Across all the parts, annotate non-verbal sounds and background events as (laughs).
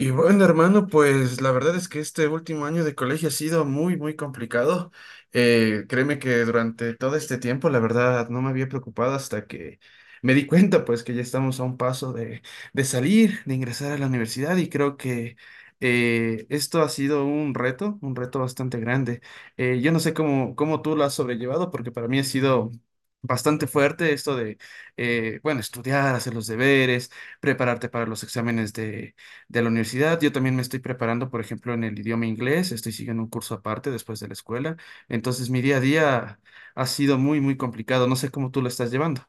Y bueno, hermano, pues la verdad es que este último año de colegio ha sido muy, muy complicado. Créeme que durante todo este tiempo, la verdad, no me había preocupado hasta que me di cuenta, pues, que ya estamos a un paso de salir, de ingresar a la universidad y creo que esto ha sido un reto bastante grande. Yo no sé cómo tú lo has sobrellevado, porque para mí ha sido... Bastante fuerte esto de, bueno, estudiar, hacer los deberes, prepararte para los exámenes de la universidad. Yo también me estoy preparando, por ejemplo, en el idioma inglés. Estoy siguiendo un curso aparte después de la escuela. Entonces, mi día a día ha sido muy, muy complicado. No sé cómo tú lo estás llevando.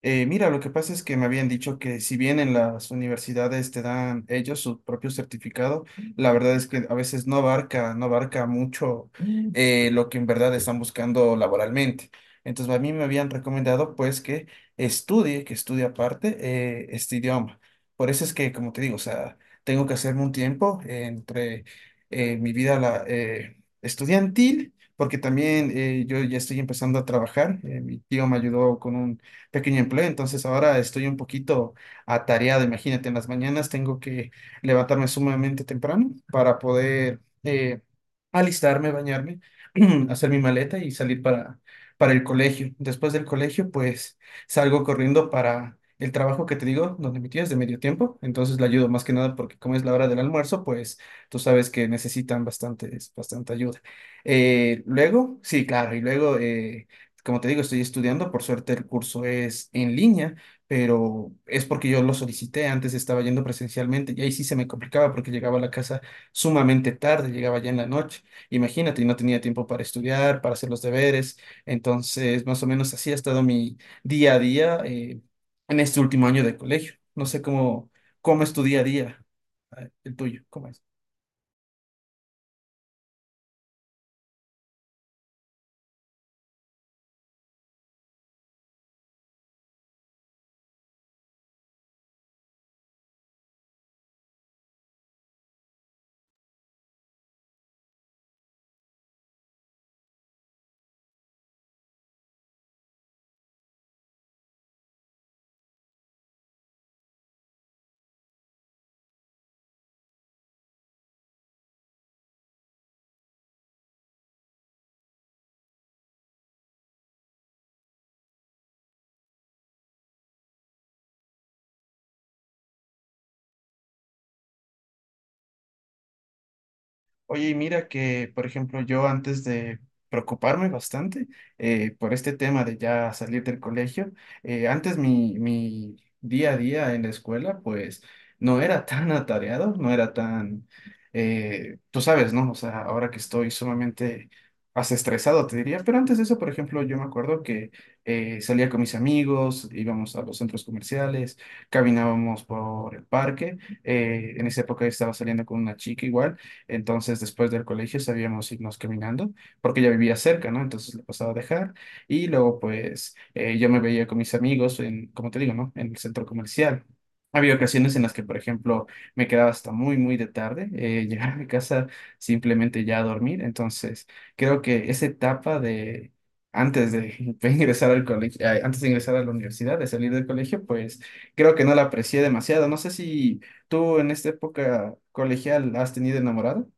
Mira, lo que pasa es que me habían dicho que si bien en las universidades te dan ellos su propio certificado, la verdad es que a veces no abarca mucho lo que en verdad están buscando laboralmente. Entonces, a mí me habían recomendado pues que que estudie aparte este idioma. Por eso es que, como te digo, o sea, tengo que hacerme un tiempo entre mi vida estudiantil, porque también yo ya estoy empezando a trabajar. Mi tío me ayudó con un pequeño empleo, entonces ahora estoy un poquito atareado. Imagínate, en las mañanas tengo que levantarme sumamente temprano para poder alistarme, bañarme, (clears throat) hacer mi maleta y salir para el colegio. Después del colegio, pues salgo corriendo para el trabajo que te digo, donde mi tía es de medio tiempo, entonces la ayudo más que nada porque como es la hora del almuerzo, pues tú sabes que necesitan bastante, bastante ayuda. Luego, sí, claro, y luego... como te digo, estoy estudiando, por suerte el curso es en línea, pero es porque yo lo solicité, antes estaba yendo presencialmente y ahí sí se me complicaba porque llegaba a la casa sumamente tarde, llegaba ya en la noche, imagínate, y no tenía tiempo para estudiar, para hacer los deberes, entonces más o menos así ha estado mi día a día en este último año de colegio. No sé cómo es tu día a día, el tuyo, ¿cómo es? Oye, y mira que, por ejemplo, yo antes de preocuparme bastante por este tema de ya salir del colegio, antes mi día a día en la escuela, pues no era (laughs) tan atareado, no era tú sabes, ¿no? O sea, ahora que estoy sumamente hasta estresado, te diría, pero antes de eso, por ejemplo, yo me acuerdo que salía con mis amigos, íbamos a los centros comerciales, caminábamos por el parque, en esa época estaba saliendo con una chica igual. Entonces, después del colegio sabíamos irnos caminando, porque ya vivía cerca, ¿no? Entonces le pasaba a dejar y luego, pues, yo me veía con mis amigos como te digo, ¿no? En el centro comercial. Había ocasiones en las que, por ejemplo, me quedaba hasta muy, muy de tarde, (laughs) llegar a mi casa simplemente ya a dormir. Entonces, creo que esa etapa de antes de (laughs) ingresar al colegio, antes de ingresar a la universidad, de salir del colegio, pues creo que no la aprecié demasiado. No sé si ¿tú en esta época colegial has tenido enamorado?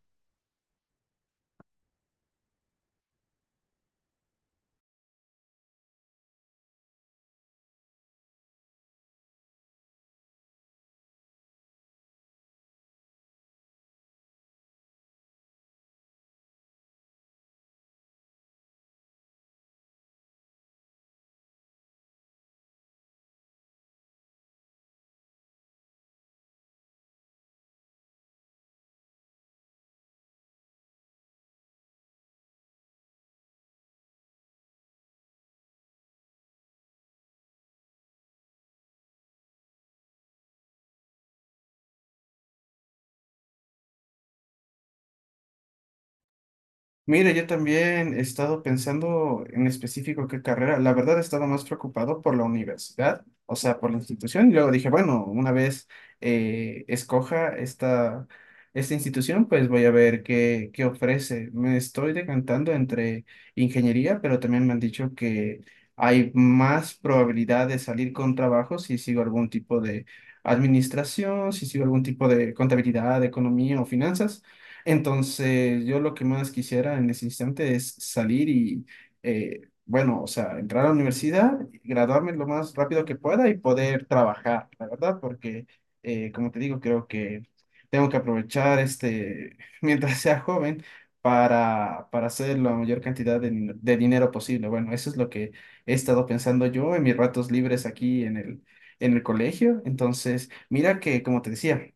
Mira, yo también he estado pensando en específico qué carrera. La verdad he estado más preocupado por la universidad, o sea, por la institución. Y luego dije, bueno, una vez escoja esta institución, pues voy a ver qué ofrece. Me estoy decantando entre ingeniería, pero también me han dicho que hay más probabilidad de salir con trabajo si sigo algún tipo de administración, si sigo algún tipo de contabilidad, economía o finanzas. Entonces, yo lo que más quisiera en ese instante es salir bueno, o sea, entrar a la universidad, graduarme lo más rápido que pueda y poder trabajar, la verdad, como te digo, creo que tengo que aprovechar este, (laughs) mientras sea joven, para hacer la mayor cantidad de, de dinero posible. Bueno, eso es lo que he estado pensando yo en mis ratos libres aquí en en el colegio. Entonces, mira que, como te decía,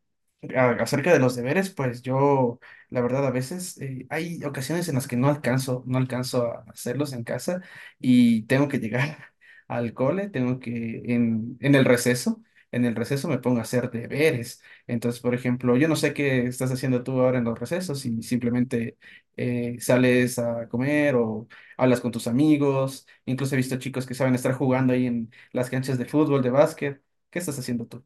acerca de los deberes, pues yo, la verdad, a veces hay ocasiones en las que no alcanzo a hacerlos en casa y tengo que llegar (laughs) al cole, tengo que en el receso me pongo a hacer deberes. Entonces, por ejemplo, yo no sé qué estás haciendo tú ahora en los recesos y simplemente sales a comer o hablas con tus amigos. Incluso he visto chicos que saben estar jugando ahí en las canchas de fútbol, de básquet. ¿Qué estás haciendo tú?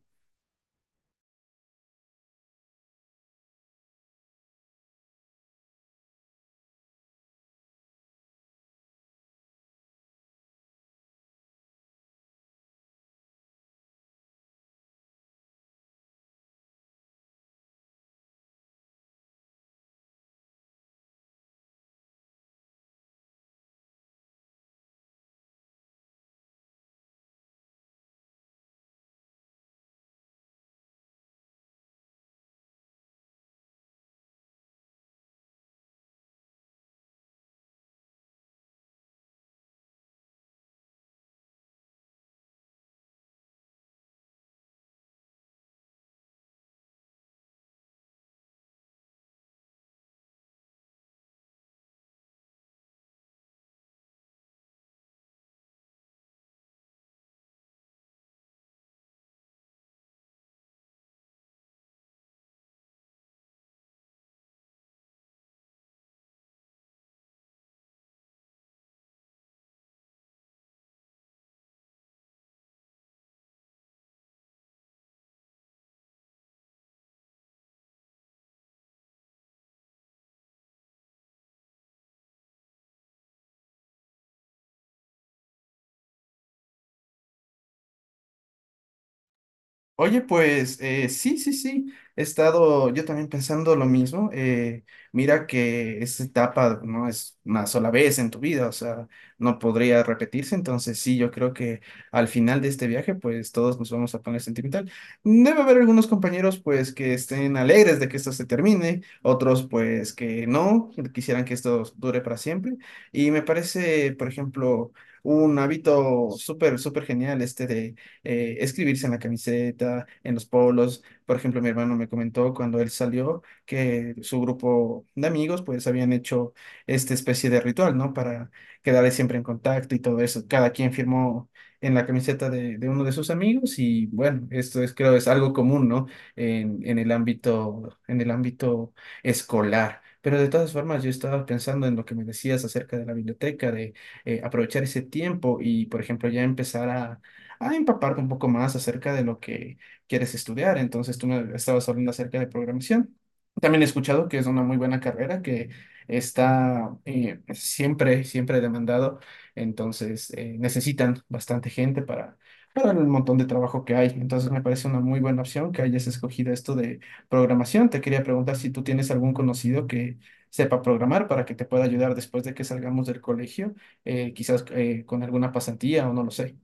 Oye, pues sí, sí, sí, he estado yo también pensando lo mismo. Mira que esa etapa no es una sola vez en tu vida, o sea, no podría repetirse. Entonces sí, yo creo que al final de este viaje, pues todos nos vamos a poner sentimental. Debe haber algunos compañeros, pues, que estén alegres de que esto se termine, otros, pues, que no, que quisieran que esto dure para siempre. Y me parece, por ejemplo, un hábito súper, súper genial este de escribirse en la camiseta, en los polos. Por ejemplo, mi hermano me comentó cuando él salió que su grupo de amigos pues habían hecho esta especie de ritual, ¿no? Para quedar siempre en contacto y todo eso. Cada quien firmó en la camiseta de uno de sus amigos y bueno, esto es creo es algo común, ¿no? En el ámbito escolar. Pero de todas formas, yo estaba pensando en lo que me decías acerca de la biblioteca, de aprovechar ese tiempo y, por ejemplo, ya empezar a empaparte un poco más acerca de lo que quieres estudiar. Entonces, tú me estabas hablando acerca de programación. También he escuchado que es una muy buena carrera que está siempre, siempre demandado. Entonces, necesitan bastante gente para el montón de trabajo que hay. Entonces, me parece una muy buena opción que hayas escogido esto de programación. Te quería preguntar si tú tienes algún conocido que sepa programar para que te pueda ayudar después de que salgamos del colegio, quizás con alguna pasantía o no lo sé.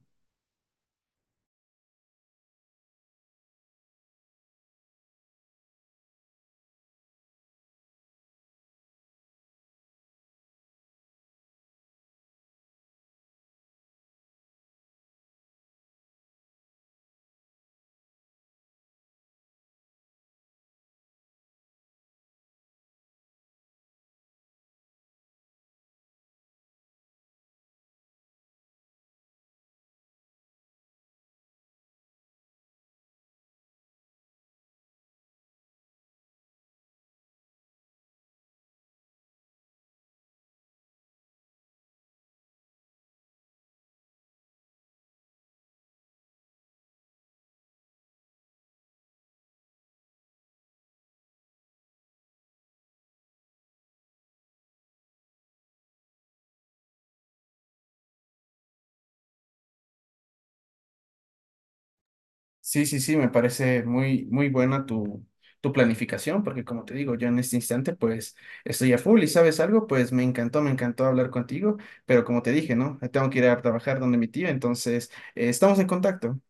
Sí, sí, sí, me parece muy, muy buena tu planificación, porque como te digo, yo en este instante pues estoy a full y sabes algo, pues me encantó hablar contigo, pero como te dije, ¿no? Tengo que ir a trabajar donde mi tía, entonces estamos en contacto.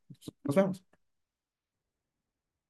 Nos vemos.